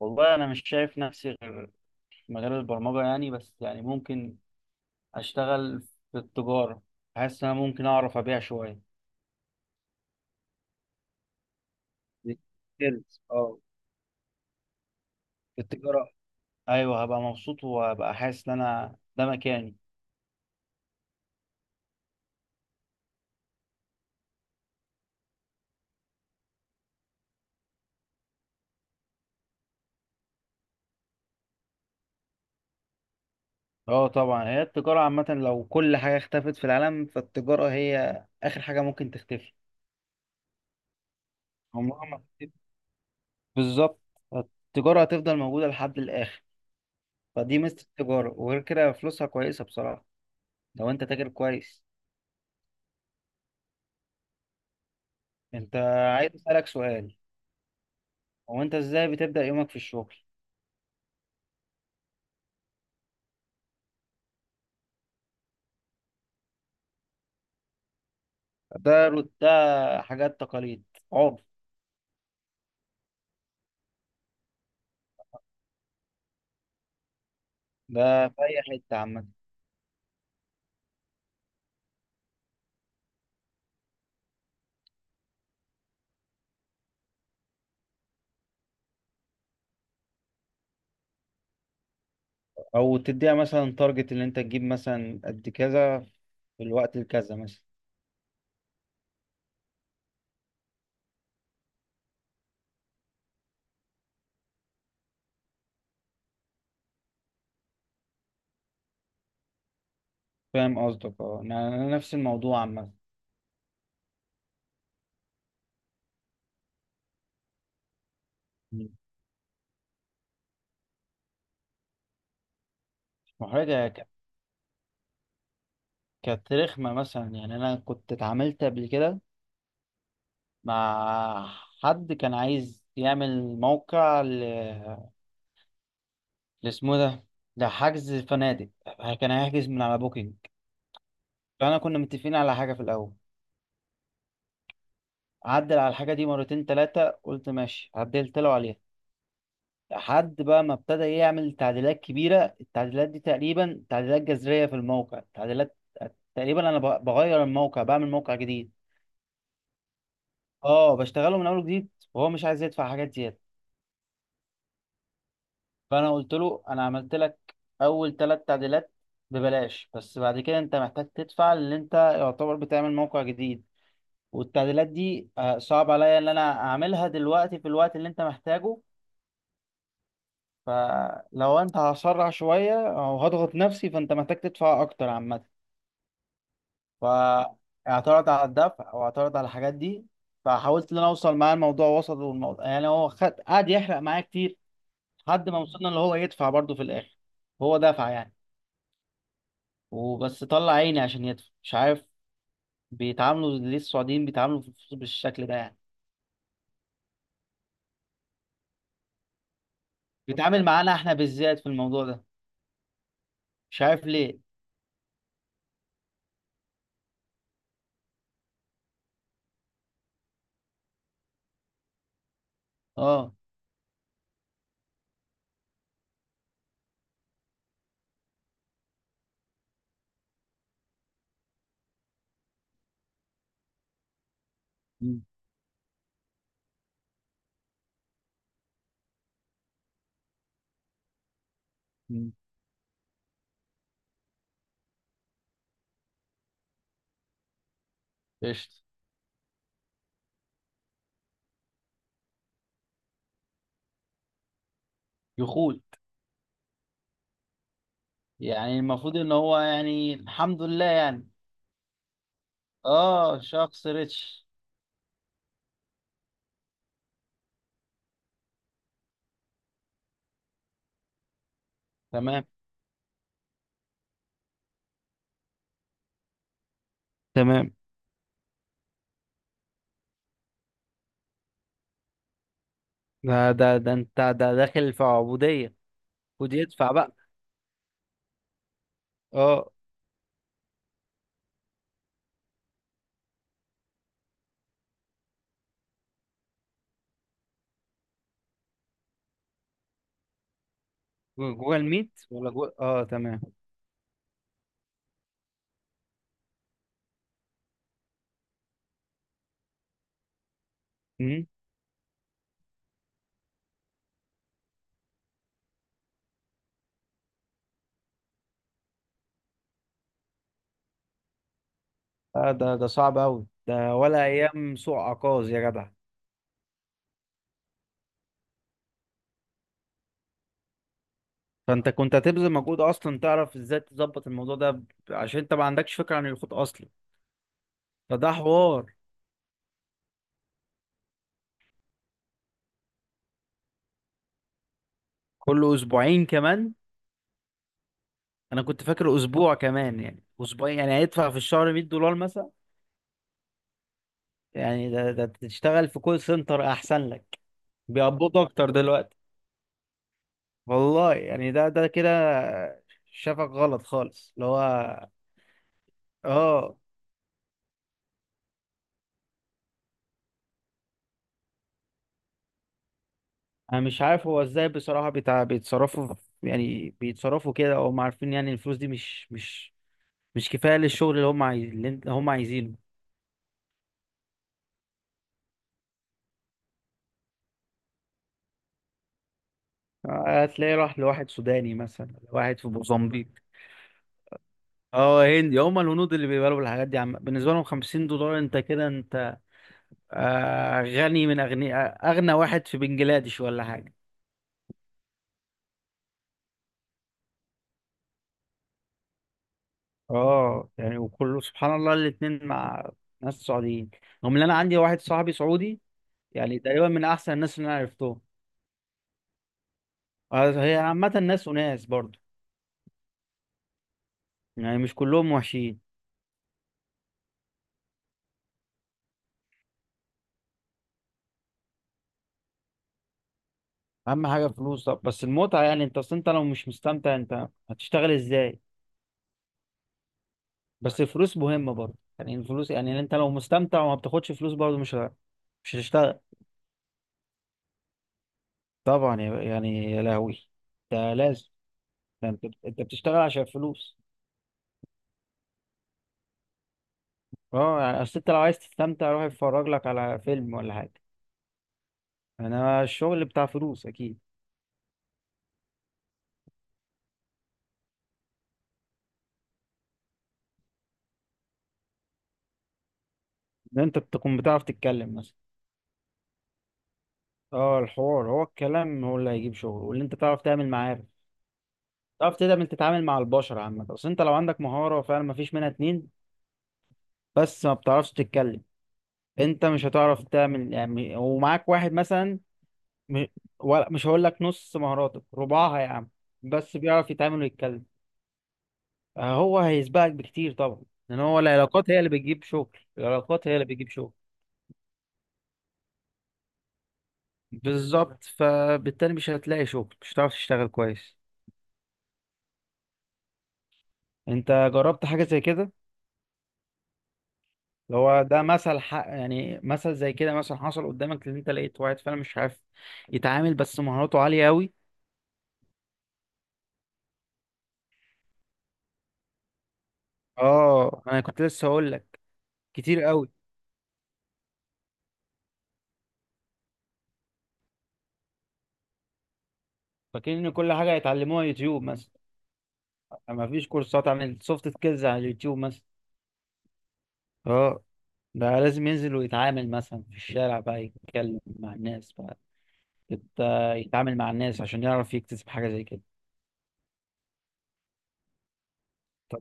والله انا مش شايف نفسي غير في مجال البرمجه، يعني بس يعني ممكن اشتغل في التجاره. حاسس ان انا ممكن اعرف ابيع شويه. سيلز، اه. في التجاره. ايوه هبقى مبسوط وهبقى حاسس ان انا ده مكاني. اه طبعا هي التجاره عامه، لو كل حاجه اختفت في العالم فالتجاره هي اخر حاجه ممكن تختفي. عمرها ما هتختفي. بالظبط. التجاره هتفضل موجوده لحد الاخر. فدي ميزه التجاره، وغير كده فلوسها كويسه بصراحه لو انت تاجر كويس. انت، عايز اسالك سؤال. هو انت ازاي بتبدأ يومك في الشغل؟ ده حاجات تقاليد. عرف. ده في اي حتة عامة. او تديها مثلا تارجت اللي انت تجيب مثلا قد كذا في الوقت الكذا مثلا. فاهم قصدك. اه، انا نفس الموضوع عامة. مم. محرجة كانت رخمة مثلا. يعني انا كنت اتعاملت قبل كده مع حد كان عايز يعمل موقع ل اسمه ده، لحجز فنادق. كان هيحجز من على بوكينج. فانا كنا متفقين على حاجة في الاول. عدل على الحاجة دي مرتين تلاتة، قلت ماشي عدلت له عليها. لحد بقى ما ابتدى إيه يعمل تعديلات كبيرة. التعديلات دي تقريبا تعديلات جذرية في الموقع، تعديلات تقريبا أنا بغير الموقع بعمل موقع جديد. اه بشتغله من أول جديد، وهو مش عايز يدفع حاجات زيادة. فأنا قلت له أنا عملت لك أول تلات تعديلات ببلاش، بس بعد كده أنت محتاج تدفع، لأن أنت يعتبر بتعمل موقع جديد. والتعديلات دي صعب عليا إن أنا أعملها دلوقتي في الوقت اللي أنت محتاجه. فلو انت هسرع شوية او هضغط نفسي، فانت محتاج تدفع اكتر عامة. فاعترض على الدفع، واعترض على الحاجات دي. فحاولت ان انا اوصل معاه الموضوع وسط، والموضوع يعني هو خد قعد يحرق معايا كتير. لحد ما وصلنا اللي هو يدفع برضه في الاخر. هو دفع يعني. وبس طلع عيني عشان يدفع. مش عارف، بيتعاملوا ليه السعوديين بيتعاملوا في الفلوس بالشكل ده يعني. بيتعامل معانا احنا بالذات في الموضوع ده. مش عارف ليه. اه. مم. مم. قشطة. يخوت. يعني المفروض ان هو يعني الحمد لله يعني. اه شخص ريتش. تمام. تمام. ده انت، ده داخل في عبودية. خد يدفع بقى. اه. جوه الميت ولا جوه؟ اه تمام. مم. آه، ده صعب قوي ده، ولا ايام سوق عكاظ يا جدع. فانت كنت هتبذل مجهود اصلا تعرف ازاي تظبط الموضوع ده عشان انت ما عندكش فكرة عن الخط اصلا. فده حوار. كل اسبوعين كمان؟ انا كنت فاكر اسبوع، كمان يعني اسبوعين يعني هيدفع في الشهر 100 دولار مثلا. يعني ده تشتغل في كول سنتر احسن لك. بيقبضوا اكتر دلوقتي. والله يعني ده كده. شافك غلط خالص اللي هو. اه. انا مش عارف هو ازاي بصراحة بيتصرفوا. يعني بيتصرفوا كده، او هم عارفين يعني الفلوس دي مش كفاية للشغل اللي هم هم عايزينه. هتلاقيه راح لواحد سوداني مثلا، لواحد في موزمبيق. اه هندي. هم الهنود اللي بيقبلوا بالحاجات دي. عم بالنسبة لهم 50 دولار انت كده، انت غني من أغنياء، أغنى واحد في بنجلاديش ولا حاجة. اه يعني وكله سبحان الله الاتنين مع ناس سعوديين. رغم ان انا عندي واحد صاحبي سعودي، يعني تقريبا من احسن الناس اللي انا عرفتهم. آه، هي عامة ناس وناس برضه. يعني مش كلهم وحشين. اهم حاجة فلوس. طب بس المتعة، يعني انت اصل انت لو مش مستمتع انت هتشتغل ازاي؟ بس الفلوس مهمة برضه. يعني الفلوس، يعني انت لو مستمتع وما بتاخدش فلوس برضه مش هتشتغل. طبعا يعني يا لهوي، ده لازم. يعني انت بتشتغل عشان فلوس. اه يعني اصل انت لو عايز تستمتع روح اتفرج لك على فيلم ولا حاجه. انا الشغل بتاع فلوس اكيد. ان انت تكون بتعرف تتكلم مثلا. اه، الحوار هو الكلام، هو اللي هيجيب شغل، واللي انت تعرف تعمل معارف. تعرف تقدر انت تتعامل مع البشر عامه. اصل انت لو عندك مهاره فعلا ما فيش منها اتنين، بس ما بتعرفش تتكلم، انت مش هتعرف تعمل يعني. ومعاك واحد مثلا م- ولا مش هقول لك نص مهاراتك، ربعها يا عم، بس بيعرف يتعامل ويتكلم، هو هيسبقك بكتير طبعا. لان هو العلاقات هي اللي بتجيب شغل. العلاقات هي اللي بتجيب شغل. بالظبط، فبالتالي مش هتلاقي شغل، مش هتعرف تشتغل كويس. انت جربت حاجة زي كده؟ اللي هو ده مثل حق، يعني مثل زي كده مثلا حصل قدامك ان انت لقيت واحد فعلا مش عارف يتعامل، بس مهاراته عالية قوي. اه. انا كنت لسه هقول لك، كتير قوي. فاكرين ان كل حاجة هيتعلموها يوتيوب مثلا. ما فيش كورسات عن السوفت سكيلز على اليوتيوب مثلا. اه. بقى لازم ينزل ويتعامل مثلا في الشارع، بقى يتكلم مع الناس بقى، يت- يتعامل مع الناس عشان يعرف يكتسب حاجة زي كده. طب.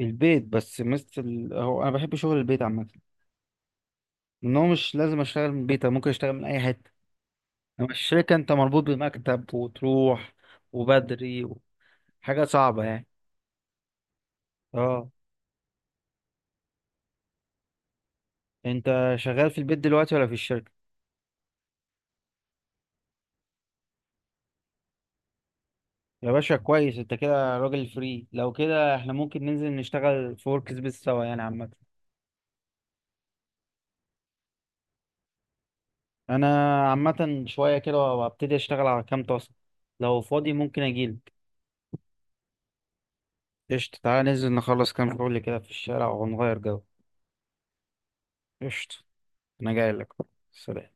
البيت بس مثل. هو انا بحب شغل البيت عامة. ان هو مش لازم اشتغل من البيت، أنا ممكن اشتغل من اي حتة. انما الشركة انت مربوط بمكتب، وتروح وبدري، حاجة صعبة يعني. اه. انت شغال في البيت دلوقتي ولا في الشركة؟ يا باشا كويس. انت كده راجل فري، لو كده احنا ممكن ننزل نشتغل في ورك سبيس سوا يعني عامة. انا عامه شويه كده وابتدي اشتغل على كام تاسك، لو فاضي ممكن اجيلك. قشطة. تعالى ننزل نخلص كام شغل كده في الشارع ونغير جو. قشطة. انا جاي لك. سلام.